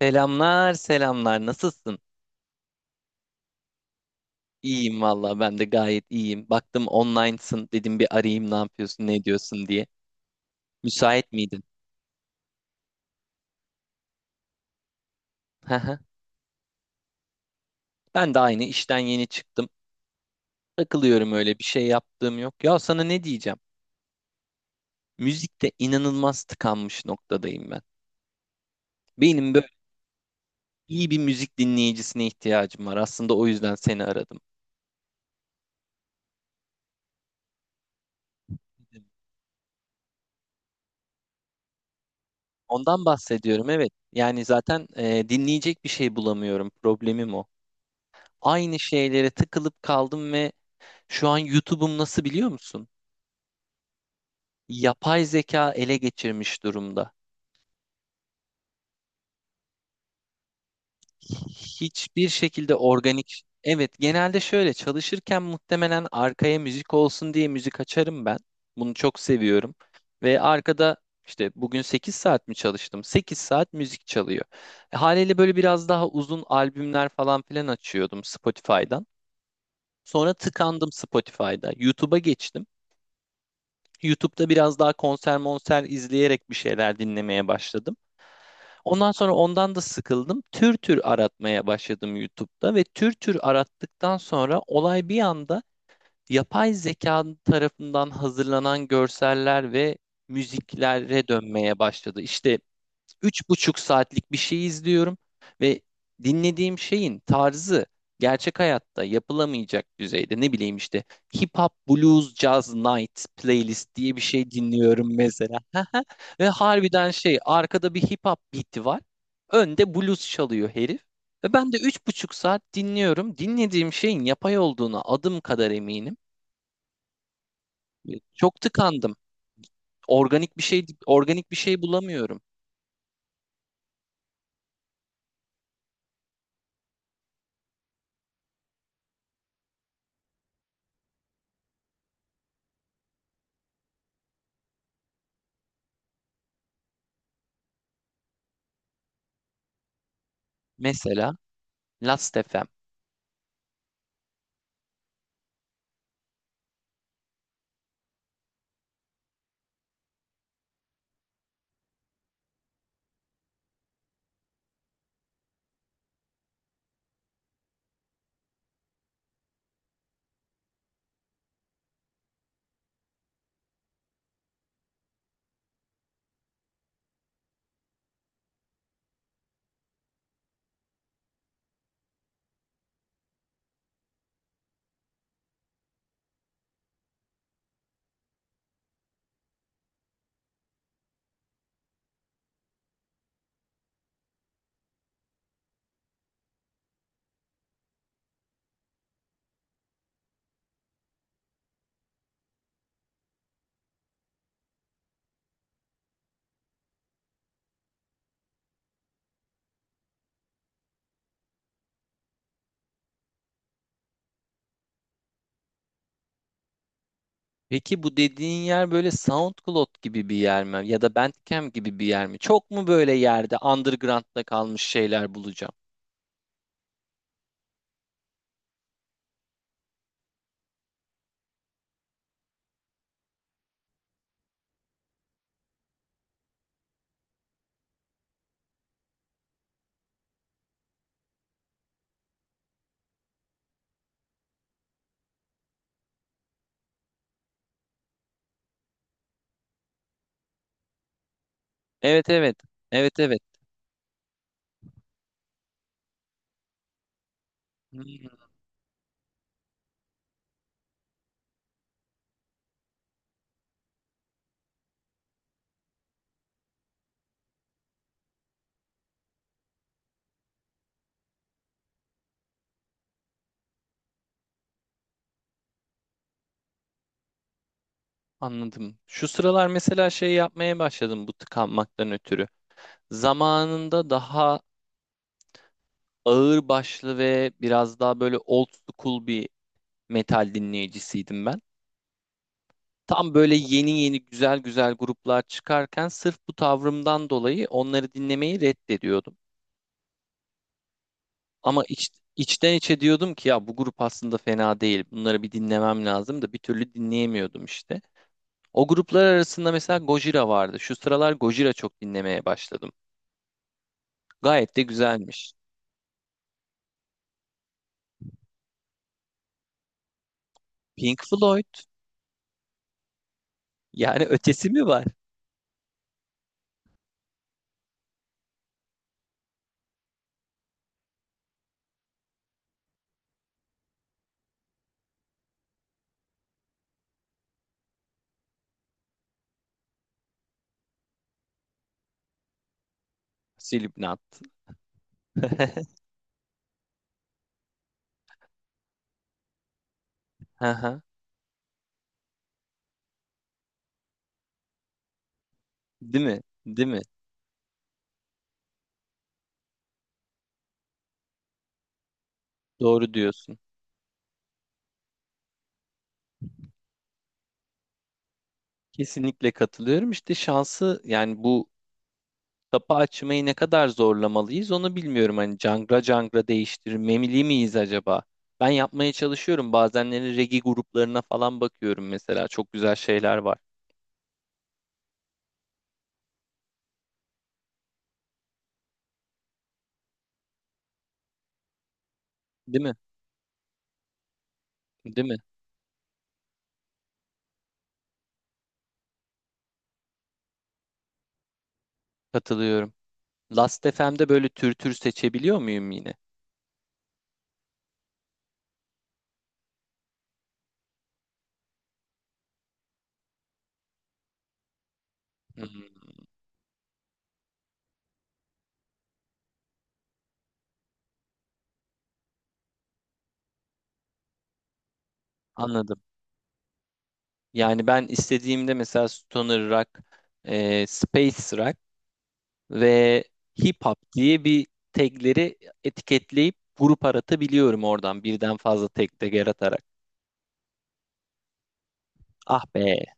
Selamlar, selamlar. Nasılsın? İyiyim valla. Ben de gayet iyiyim. Baktım online'sın. Dedim bir arayayım ne yapıyorsun, ne ediyorsun diye. Müsait miydin? Hı hı. Ben de aynı işten yeni çıktım. Takılıyorum, öyle bir şey yaptığım yok. Ya sana ne diyeceğim? Müzikte inanılmaz tıkanmış noktadayım ben. Benim böyle iyi bir müzik dinleyicisine ihtiyacım var. Aslında o yüzden seni aradım. Ondan bahsediyorum, evet. Yani zaten dinleyecek bir şey bulamıyorum. Problemim o. Aynı şeylere tıkılıp kaldım ve şu an YouTube'um nasıl biliyor musun? Yapay zeka ele geçirmiş durumda. Hiçbir şekilde organik. Evet, genelde şöyle çalışırken muhtemelen arkaya müzik olsun diye müzik açarım ben. Bunu çok seviyorum. Ve arkada işte bugün 8 saat mi çalıştım? 8 saat müzik çalıyor. Haliyle böyle biraz daha uzun albümler falan filan açıyordum Spotify'dan. Sonra tıkandım Spotify'da. YouTube'a geçtim. YouTube'da biraz daha konser monser izleyerek bir şeyler dinlemeye başladım. Ondan sonra ondan da sıkıldım. Tür tür aratmaya başladım YouTube'da ve tür tür arattıktan sonra olay bir anda yapay zeka tarafından hazırlanan görseller ve müziklere dönmeye başladı. İşte 3,5 saatlik bir şey izliyorum ve dinlediğim şeyin tarzı gerçek hayatta yapılamayacak düzeyde, ne bileyim, işte hip hop, blues, jazz night playlist diye bir şey dinliyorum mesela. Ve harbiden şey, arkada bir hip hop beat'i var. Önde blues çalıyor herif. Ve ben de 3,5 saat dinliyorum. Dinlediğim şeyin yapay olduğuna adım kadar eminim. Çok tıkandım. Organik bir şey organik bir şey bulamıyorum. Mesela Last FM. Peki bu dediğin yer böyle SoundCloud gibi bir yer mi? Ya da Bandcamp gibi bir yer mi? Çok mu böyle yerde underground'da kalmış şeyler bulacağım? Evet evet. Evet evet. Hmm, anladım. Şu sıralar mesela şey yapmaya başladım bu tıkanmaktan ötürü. Zamanında daha ağır başlı ve biraz daha böyle old school bir metal dinleyicisiydim ben. Tam böyle yeni yeni güzel güzel gruplar çıkarken sırf bu tavrımdan dolayı onları dinlemeyi reddediyordum. Ama içten içe diyordum ki ya bu grup aslında fena değil. Bunları bir dinlemem lazım da bir türlü dinleyemiyordum işte. O gruplar arasında mesela Gojira vardı. Şu sıralar Gojira çok dinlemeye başladım. Gayet de güzelmiş. Pink Floyd. Yani ötesi mi var? Slipknot. Aha, değil mi? Değil mi? Doğru diyorsun. Kesinlikle katılıyorum. İşte şansı, yani bu kapı açmayı ne kadar zorlamalıyız onu bilmiyorum. Hani cangra cangra değiştirmemeli miyiz acaba? Ben yapmaya çalışıyorum. Bazenleri regi gruplarına falan bakıyorum mesela. Çok güzel şeyler var. Değil mi? Değil mi? Katılıyorum. Last FM'de böyle tür tür seçebiliyor muyum yine? Hı hı, anladım. Yani ben istediğimde mesela stoner rock, space rock ve hip hop diye bir tagleri etiketleyip grup aratabiliyorum oradan birden fazla tag de yaratarak. Ah be.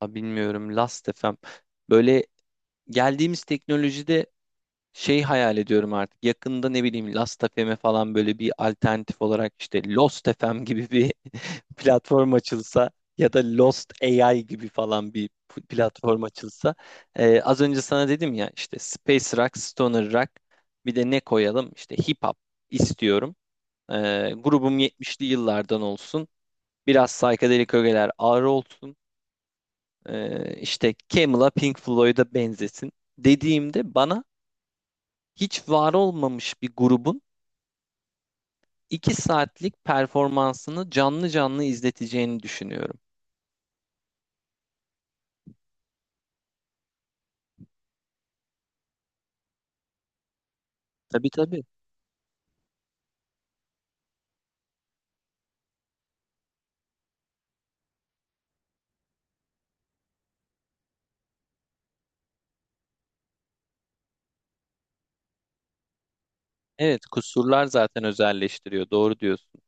Ha, bilmiyorum Last FM. Böyle geldiğimiz teknolojide şey hayal ediyorum artık. Yakında ne bileyim Last FM'e falan böyle bir alternatif olarak işte Lost FM gibi bir platform açılsa, ya da Lost AI gibi falan bir platform açılsa. Az önce sana dedim ya, işte Space Rock, Stoner Rock, bir de ne koyalım? İşte Hip Hop istiyorum. Grubum 70'li yıllardan olsun. Biraz psychedelic ögeler ağır olsun. İşte Camel'a Pink Floyd'a benzesin dediğimde bana hiç var olmamış bir grubun 2 saatlik performansını canlı canlı izleteceğini düşünüyorum. Tabii tabii. Evet, kusurlar zaten özelleştiriyor. Doğru diyorsun.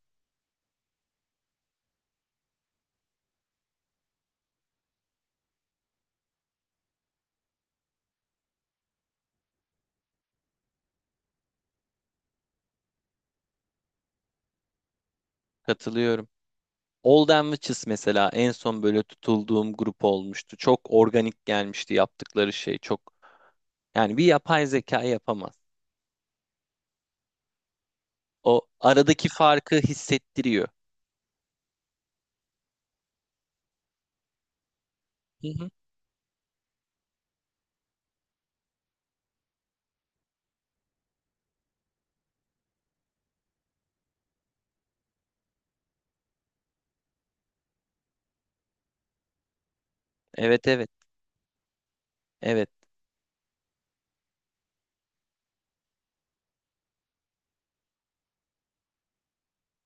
Katılıyorum. Olden Witches mesela en son böyle tutulduğum grup olmuştu. Çok organik gelmişti yaptıkları şey. Çok, yani bir yapay zeka yapamaz. O aradaki farkı hissettiriyor. Hı hı. Evet evet.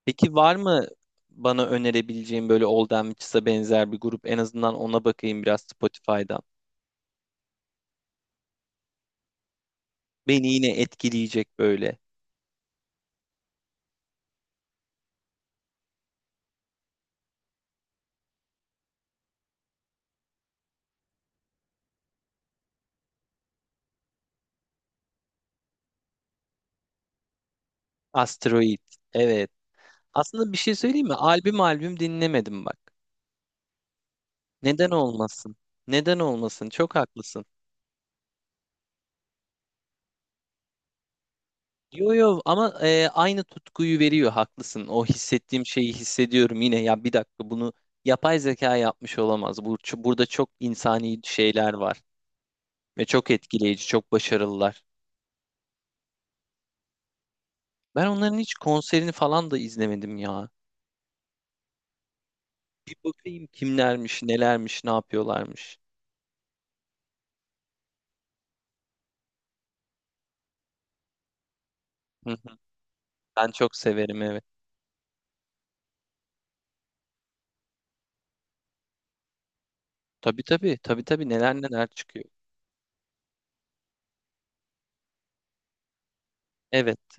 Peki var mı bana önerebileceğin böyle Olden Witches'a benzer bir grup? En azından ona bakayım biraz Spotify'dan. Beni yine etkileyecek böyle. Asteroid. Evet. Aslında bir şey söyleyeyim mi? Albüm albüm dinlemedim bak. Neden olmasın? Neden olmasın? Çok haklısın. Yo yo, ama aynı tutkuyu veriyor, haklısın. O hissettiğim şeyi hissediyorum yine. Ya bir dakika, bunu yapay zeka yapmış olamaz. Burada çok insani şeyler var. Ve çok etkileyici, çok başarılılar. Ben onların hiç konserini falan da izlemedim ya. Bir bakayım kimlermiş, nelermiş, ne yapıyorlarmış. Hı hı. Ben çok severim, evet. Tabii tabii, tabii tabii, neler neler çıkıyor. Evet.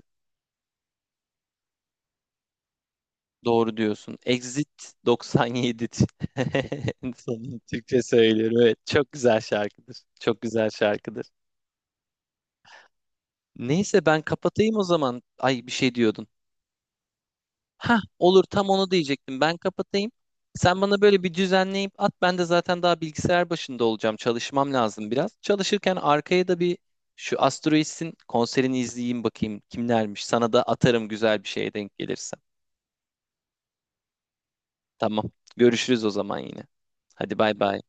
Doğru diyorsun. Exit 97. İnsanın Türkçe söylüyorum. Evet, çok güzel şarkıdır. Çok güzel şarkıdır. Neyse ben kapatayım o zaman. Ay bir şey diyordun. Ha olur, tam onu diyecektim. Ben kapatayım. Sen bana böyle bir düzenleyip at. Ben de zaten daha bilgisayar başında olacağım. Çalışmam lazım biraz. Çalışırken arkaya da bir şu Asteroids'in konserini izleyeyim, bakayım kimlermiş. Sana da atarım güzel bir şeye denk gelirse. Tamam. Görüşürüz o zaman yine. Hadi bay bay.